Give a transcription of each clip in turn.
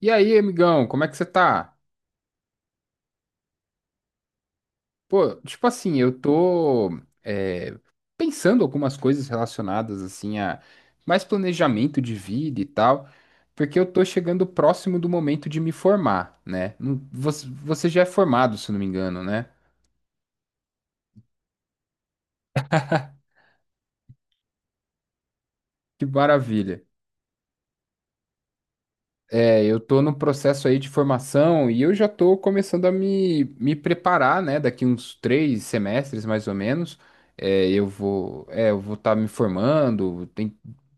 E aí, amigão, como é que você tá? Pô, tipo assim, eu tô é, pensando algumas coisas relacionadas assim a mais planejamento de vida e tal, porque eu tô chegando próximo do momento de me formar, né? Você já é formado, se eu não me engano, né? Que maravilha. É, eu tô no processo aí de formação e eu já tô começando a me preparar, né? Daqui uns 3 semestres, mais ou menos, eu vou estar me formando, tem,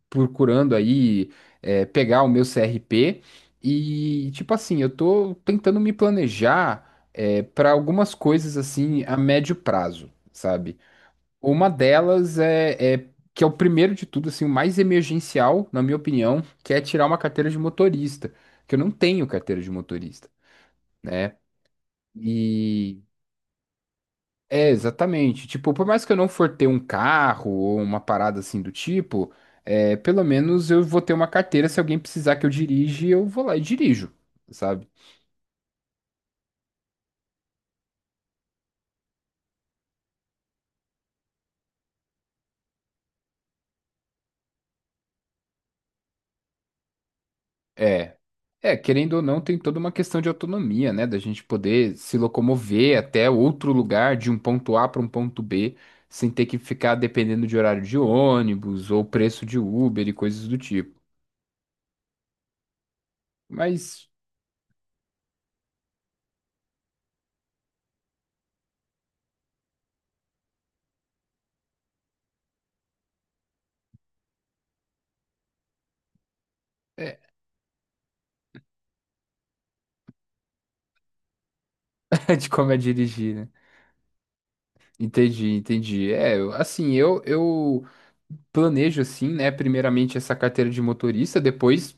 procurando aí, pegar o meu CRP e, tipo assim, eu tô tentando me planejar, para algumas coisas assim a médio prazo, sabe? Uma delas que é o primeiro de tudo, assim, o mais emergencial, na minha opinião, que é tirar uma carteira de motorista, que eu não tenho carteira de motorista, né? E é exatamente, tipo, por mais que eu não for ter um carro ou uma parada assim do tipo, pelo menos eu vou ter uma carteira, se alguém precisar que eu dirija, eu vou lá e dirijo, sabe? É. É, querendo ou não, tem toda uma questão de autonomia, né? Da gente poder se locomover até outro lugar, de um ponto A para um ponto B, sem ter que ficar dependendo de horário de ônibus ou preço de Uber e coisas do tipo. Mas é, de como é dirigir, né? Entendi, entendi. É, assim, eu planejo assim, né? Primeiramente essa carteira de motorista, depois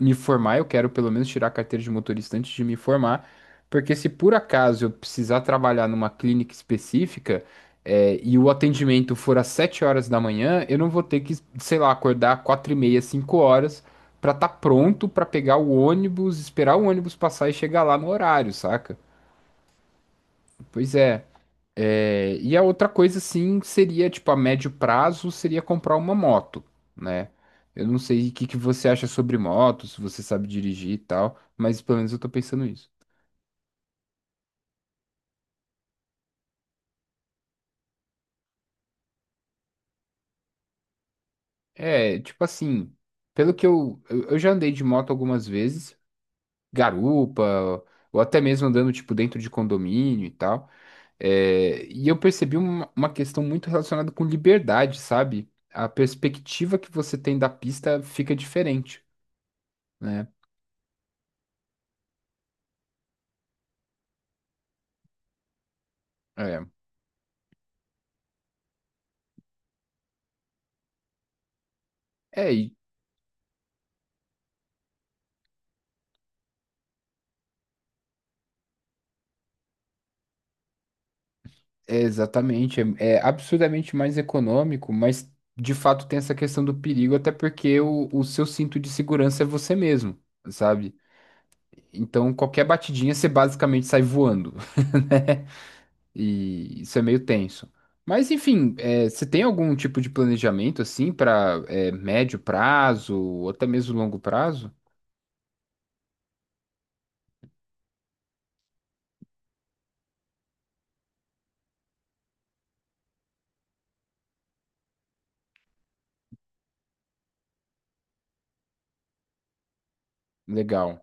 me formar, eu quero pelo menos tirar a carteira de motorista antes de me formar, porque se por acaso eu precisar trabalhar numa clínica específica, e o atendimento for às 7 horas da manhã, eu não vou ter que, sei lá, acordar 4:30, 5 horas pra estar pronto pra pegar o ônibus, esperar o ônibus passar e chegar lá no horário, saca? Pois é. É, e a outra coisa, assim, seria, tipo, a médio prazo, seria comprar uma moto, né? Eu não sei o que que você acha sobre moto, se você sabe dirigir e tal, mas pelo menos eu tô pensando isso. É, tipo assim, pelo que eu já andei de moto algumas vezes, garupa, ou até mesmo andando, tipo, dentro de condomínio e tal, e eu percebi uma questão muito relacionada com liberdade, sabe? A perspectiva que você tem da pista fica diferente, né? É. É, e É, exatamente, é absurdamente mais econômico, mas de fato tem essa questão do perigo, até porque o seu cinto de segurança é você mesmo, sabe? Então qualquer batidinha você basicamente sai voando, né? E isso é meio tenso. Mas enfim, é, você tem algum tipo de planejamento assim para médio prazo ou até mesmo longo prazo? Legal,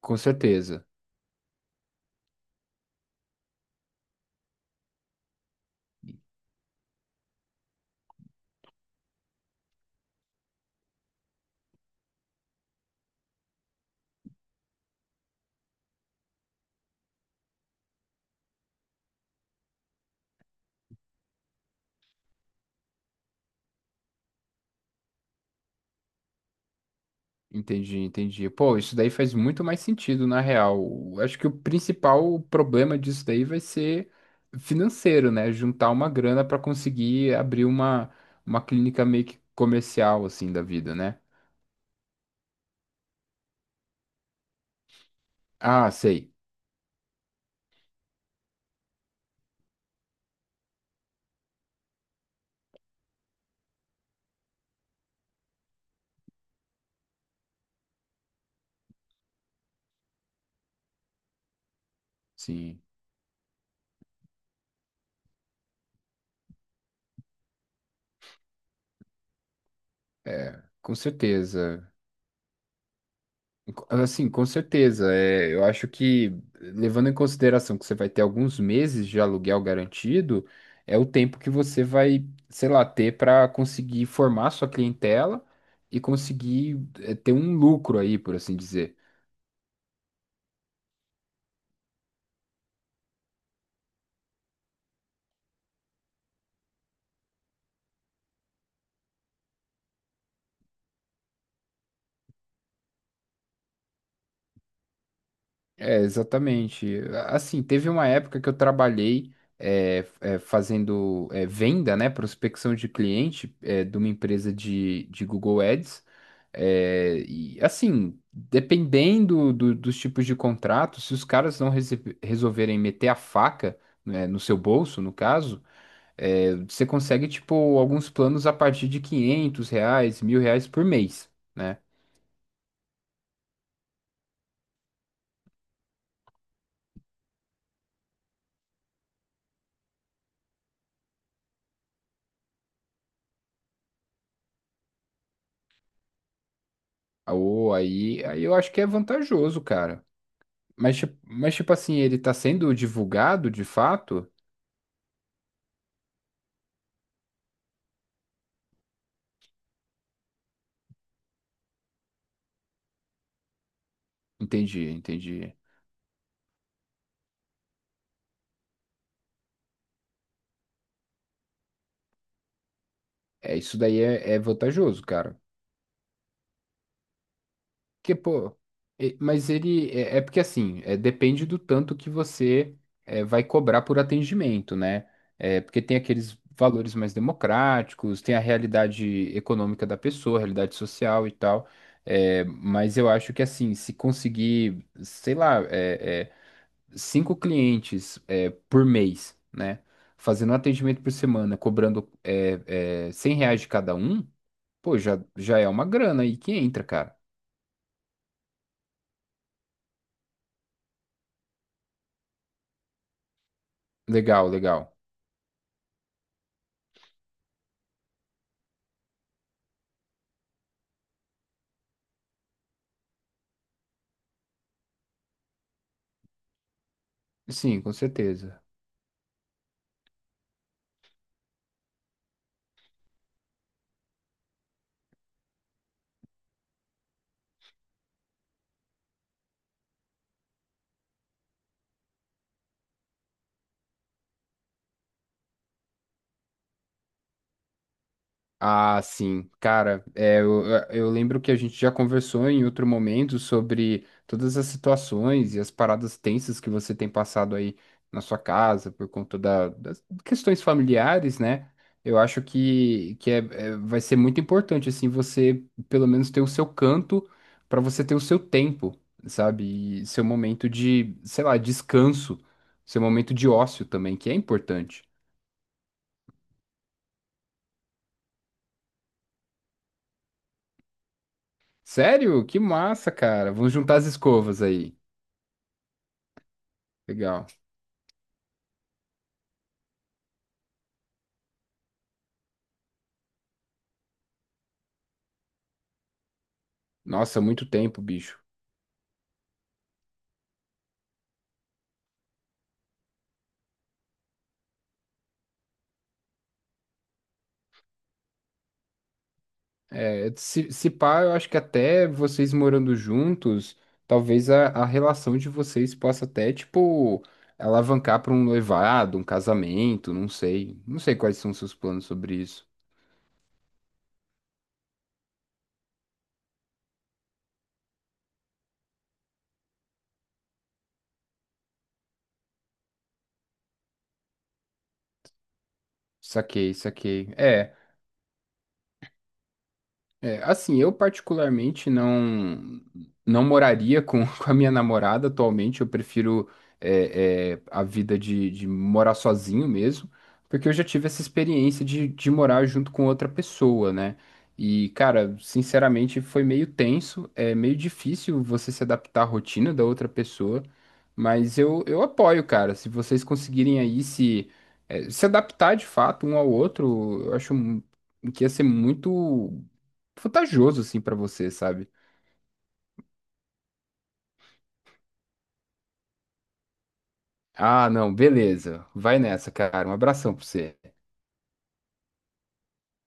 com certeza. Entendi, entendi. Pô, isso daí faz muito mais sentido, na real. Acho que o principal problema disso daí vai ser financeiro, né? Juntar uma grana para conseguir abrir uma clínica meio que comercial, assim, da vida, né? Ah, sei. Sim, com certeza. Assim, com certeza. É, eu acho que, levando em consideração que você vai ter alguns meses de aluguel garantido, é o tempo que você vai, sei lá, ter para conseguir formar sua clientela e conseguir, é, ter um lucro aí, por assim dizer. É, exatamente. Assim, teve uma época que eu trabalhei fazendo venda, né, prospecção de cliente de uma empresa de Google Ads. É, e assim, dependendo dos tipos de contrato, se os caras não resolverem meter a faca, né, no seu bolso, no caso, você consegue, tipo, alguns planos a partir de R$ 500, R$ 1.000 por mês, né? Ou aí, aí eu acho que é vantajoso, cara. Mas, tipo assim, ele tá sendo divulgado de fato? Entendi, entendi. É, isso daí é, é vantajoso, cara. Porque, pô, e- mas ele. É, é porque assim, depende do tanto que você vai cobrar por atendimento, né? É, porque tem aqueles valores mais democráticos, tem a realidade econômica da pessoa, a realidade social e tal. É, mas eu acho que assim, se conseguir, sei lá, cinco clientes por mês, né? Fazendo um atendimento por semana, cobrando R$ 100 de cada um, pô, já, já é uma grana aí que entra, cara. Legal, legal. Sim, com certeza. Ah, sim. Cara, é, eu lembro que a gente já conversou em outro momento sobre todas as situações e as paradas tensas que você tem passado aí na sua casa por conta das questões familiares, né? Eu acho que vai ser muito importante, assim, você pelo menos ter o seu canto para você ter o seu tempo, sabe? E seu momento de, sei lá, descanso, seu momento de ócio também, que é importante. Sério? Que massa, cara. Vamos juntar as escovas aí. Legal. Nossa, muito tempo, bicho. É, se pá, eu acho que até vocês morando juntos, talvez a relação de vocês possa até, tipo, alavancar para um noivado, um casamento, não sei. Não sei quais são os seus planos sobre isso. Saquei, saquei. É. É, assim, eu particularmente não não moraria com, com a minha namorada atualmente. Eu prefiro a vida de morar sozinho mesmo, porque eu já tive essa experiência de morar junto com outra pessoa, né? E, cara, sinceramente, foi meio tenso, é meio difícil você se adaptar à rotina da outra pessoa, mas eu apoio, cara. Se vocês conseguirem aí se adaptar de fato um ao outro, eu acho que ia ser muito vantajoso assim pra você, sabe? Ah, não, beleza. Vai nessa, cara. Um abração pra você.